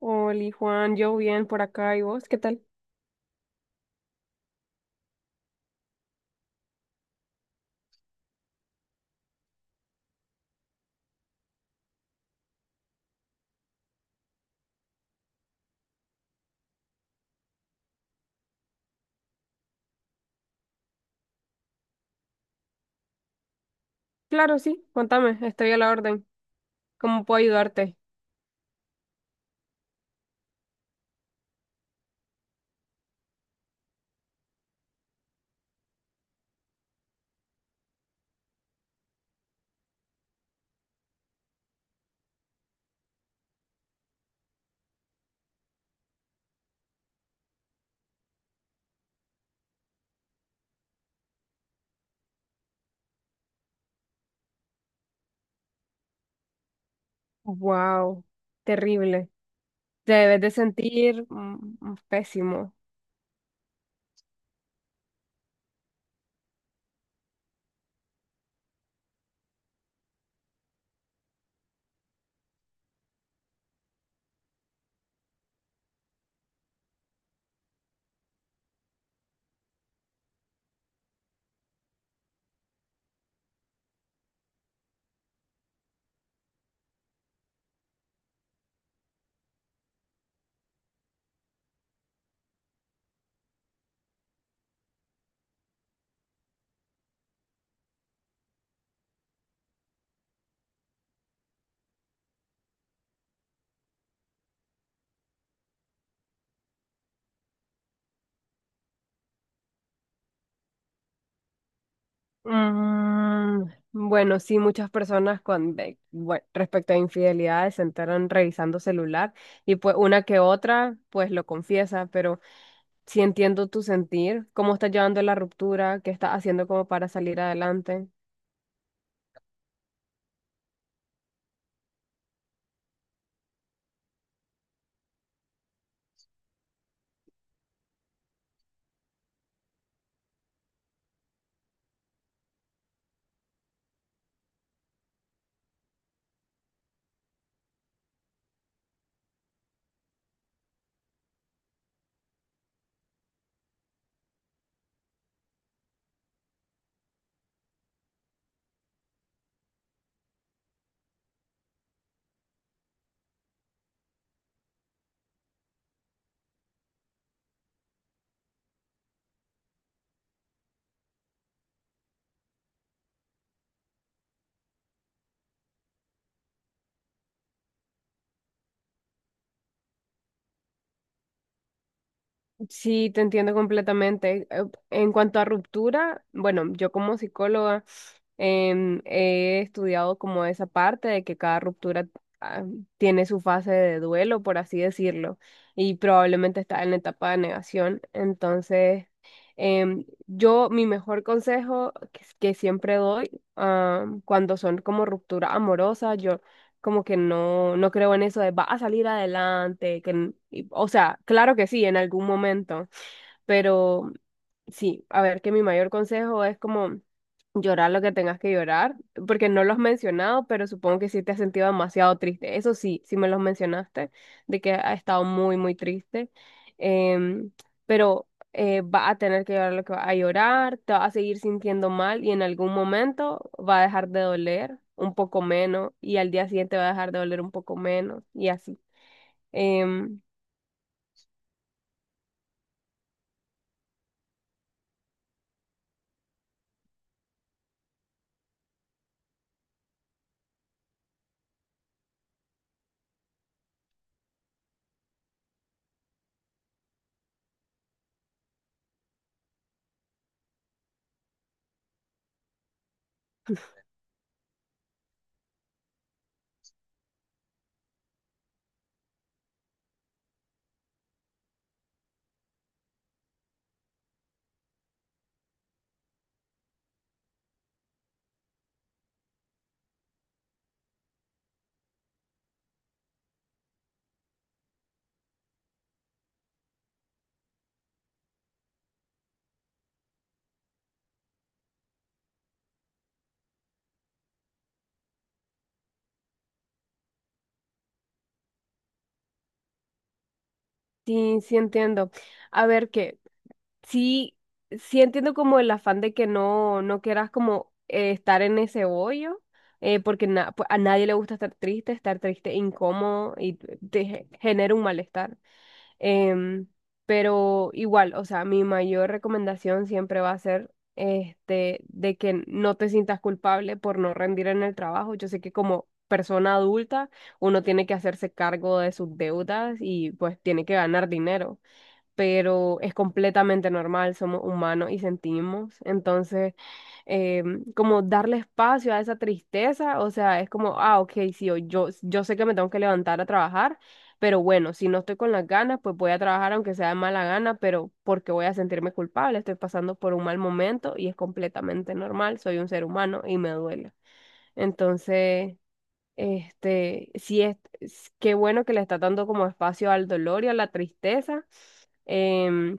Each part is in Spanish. Hola, Juan, yo bien por acá y vos, ¿qué tal? Claro, sí, contame, estoy a la orden. ¿Cómo puedo ayudarte? Wow, terrible. Te debes de sentir pésimo. Mm, bueno, sí, muchas personas con respecto a infidelidades se enteran revisando celular y pues una que otra pues lo confiesa, pero sí entiendo tu sentir, cómo estás llevando la ruptura, qué estás haciendo como para salir adelante. Sí, te entiendo completamente. En cuanto a ruptura, bueno, yo como psicóloga he estudiado como esa parte de que cada ruptura ah, tiene su fase de duelo, por así decirlo, y probablemente está en la etapa de negación. Entonces, yo mi mejor consejo que siempre doy cuando son como ruptura amorosa, como que no, no creo en eso de va a salir adelante, o sea, claro que sí, en algún momento, pero sí, a ver, que mi mayor consejo es como llorar lo que tengas que llorar, porque no lo has mencionado, pero supongo que sí te has sentido demasiado triste. Eso sí, sí me los mencionaste, de que ha estado muy, muy triste. Em, pero va a tener que llorar lo que va a llorar, te va a seguir sintiendo mal y en algún momento va a dejar de doler un poco menos y al día siguiente va a dejar de doler un poco menos y así. Em, sí, sí entiendo. A ver, ¿qué? Sí, sí entiendo como el afán de que no, no quieras como estar en ese hoyo, porque pues, a nadie le gusta estar triste e incómodo y te genera un malestar. Em, pero igual, o sea, mi mayor recomendación siempre va a ser este, de que no te sientas culpable por no rendir en el trabajo. Yo sé que como persona adulta uno tiene que hacerse cargo de sus deudas y pues tiene que ganar dinero, pero es completamente normal, somos humanos y sentimos. Entonces, eh, como darle espacio a esa tristeza, o sea, es como, ah, ok, sí, hoy yo, yo sé que me tengo que levantar a trabajar, pero bueno, si no estoy con las ganas, pues voy a trabajar aunque sea de mala gana, pero porque voy a sentirme culpable, estoy pasando por un mal momento y es completamente normal, soy un ser humano y me duele. Entonces... este, sí qué bueno que le está dando como espacio al dolor y a la tristeza, em,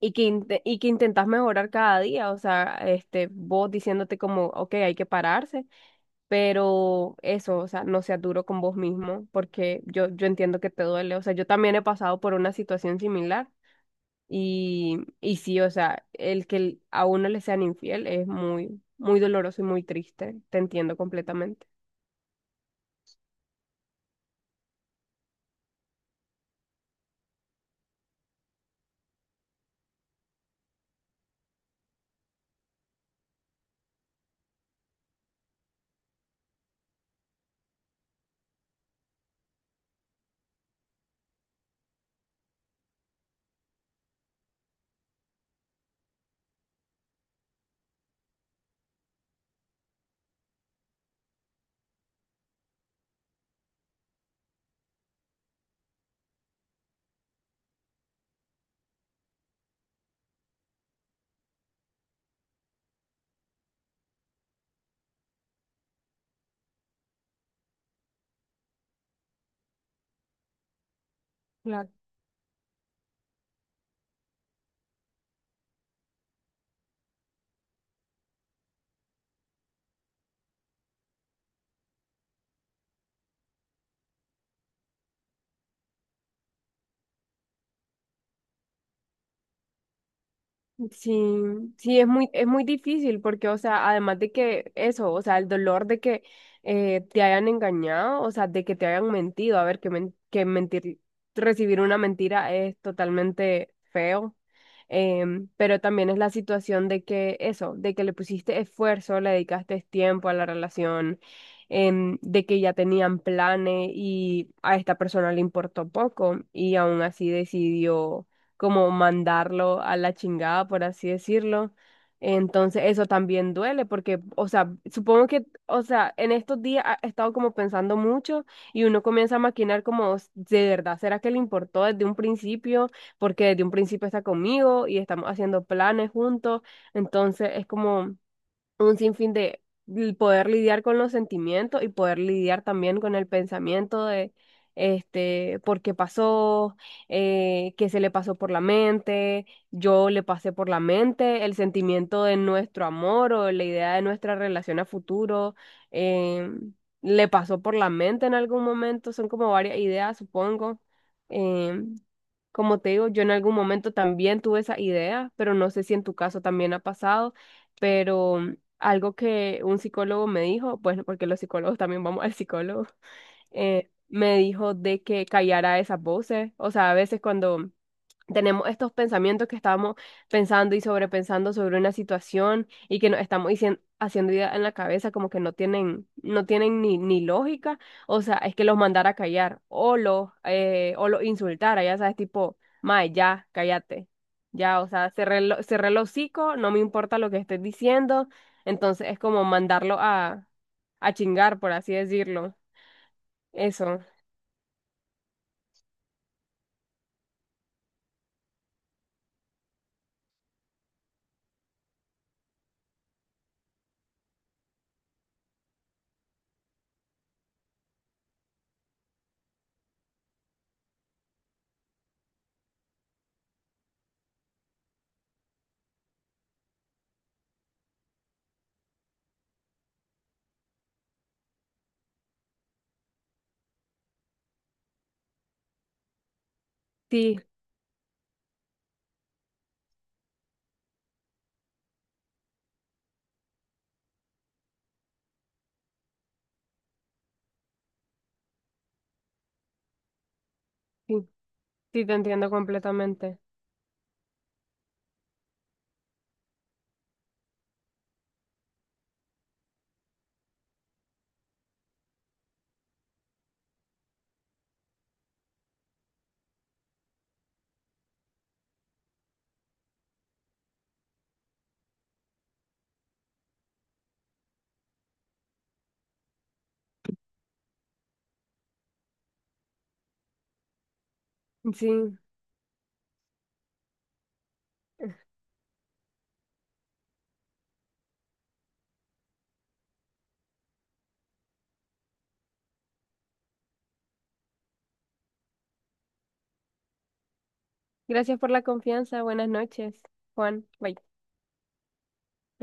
y que intentas mejorar cada día, o sea, este, vos diciéndote como, ok, hay que pararse, pero eso, o sea, no seas duro con vos mismo, porque yo entiendo que te duele, o sea, yo también he pasado por una situación similar, y sí, o sea, el que a uno le sean infiel es muy, muy doloroso y muy triste, te entiendo completamente. Claro. Sí, sí, es muy difícil porque, o sea, además de que eso, o sea, el dolor de que te hayan engañado, o sea, de que te hayan mentido, a ver, que mentir, recibir una mentira es totalmente feo, pero también es la situación de que eso, de que le pusiste esfuerzo, le dedicaste tiempo a la relación, de que ya tenían planes y a esta persona le importó poco y aún así decidió como mandarlo a la chingada, por así decirlo. Entonces, eso también duele porque, o sea, supongo que, o sea, en estos días he estado como pensando mucho y uno comienza a maquinar como, de verdad, ¿será que le importó desde un principio? Porque desde un principio está conmigo y estamos haciendo planes juntos. Entonces, es como un sinfín de poder lidiar con los sentimientos y poder lidiar también con el pensamiento de este, por qué pasó, qué se le pasó por la mente, yo le pasé por la mente, el sentimiento de nuestro amor o la idea de nuestra relación a futuro, eh, le pasó por la mente en algún momento, son como varias ideas, supongo. eh, Como te digo, yo en algún momento también tuve esa idea, pero no sé si en tu caso también ha pasado, pero algo que un psicólogo me dijo, bueno, porque los psicólogos también vamos al psicólogo, me dijo de que callara esas voces. O sea, a veces cuando tenemos estos pensamientos que estamos pensando y sobrepensando sobre una situación y que nos estamos haciendo ideas en la cabeza como que no tienen ni lógica, o sea, es que los mandara a callar o los insultara, ya sabes, tipo, mae, ya, cállate. Ya, o sea, cerré, cerré el hocico, no me importa lo que estés diciendo, entonces es como mandarlo a, chingar, por así decirlo. Eso. Sí, sí, sí, te entiendo completamente. Sí, gracias por la confianza. Buenas noches, Juan. Bye.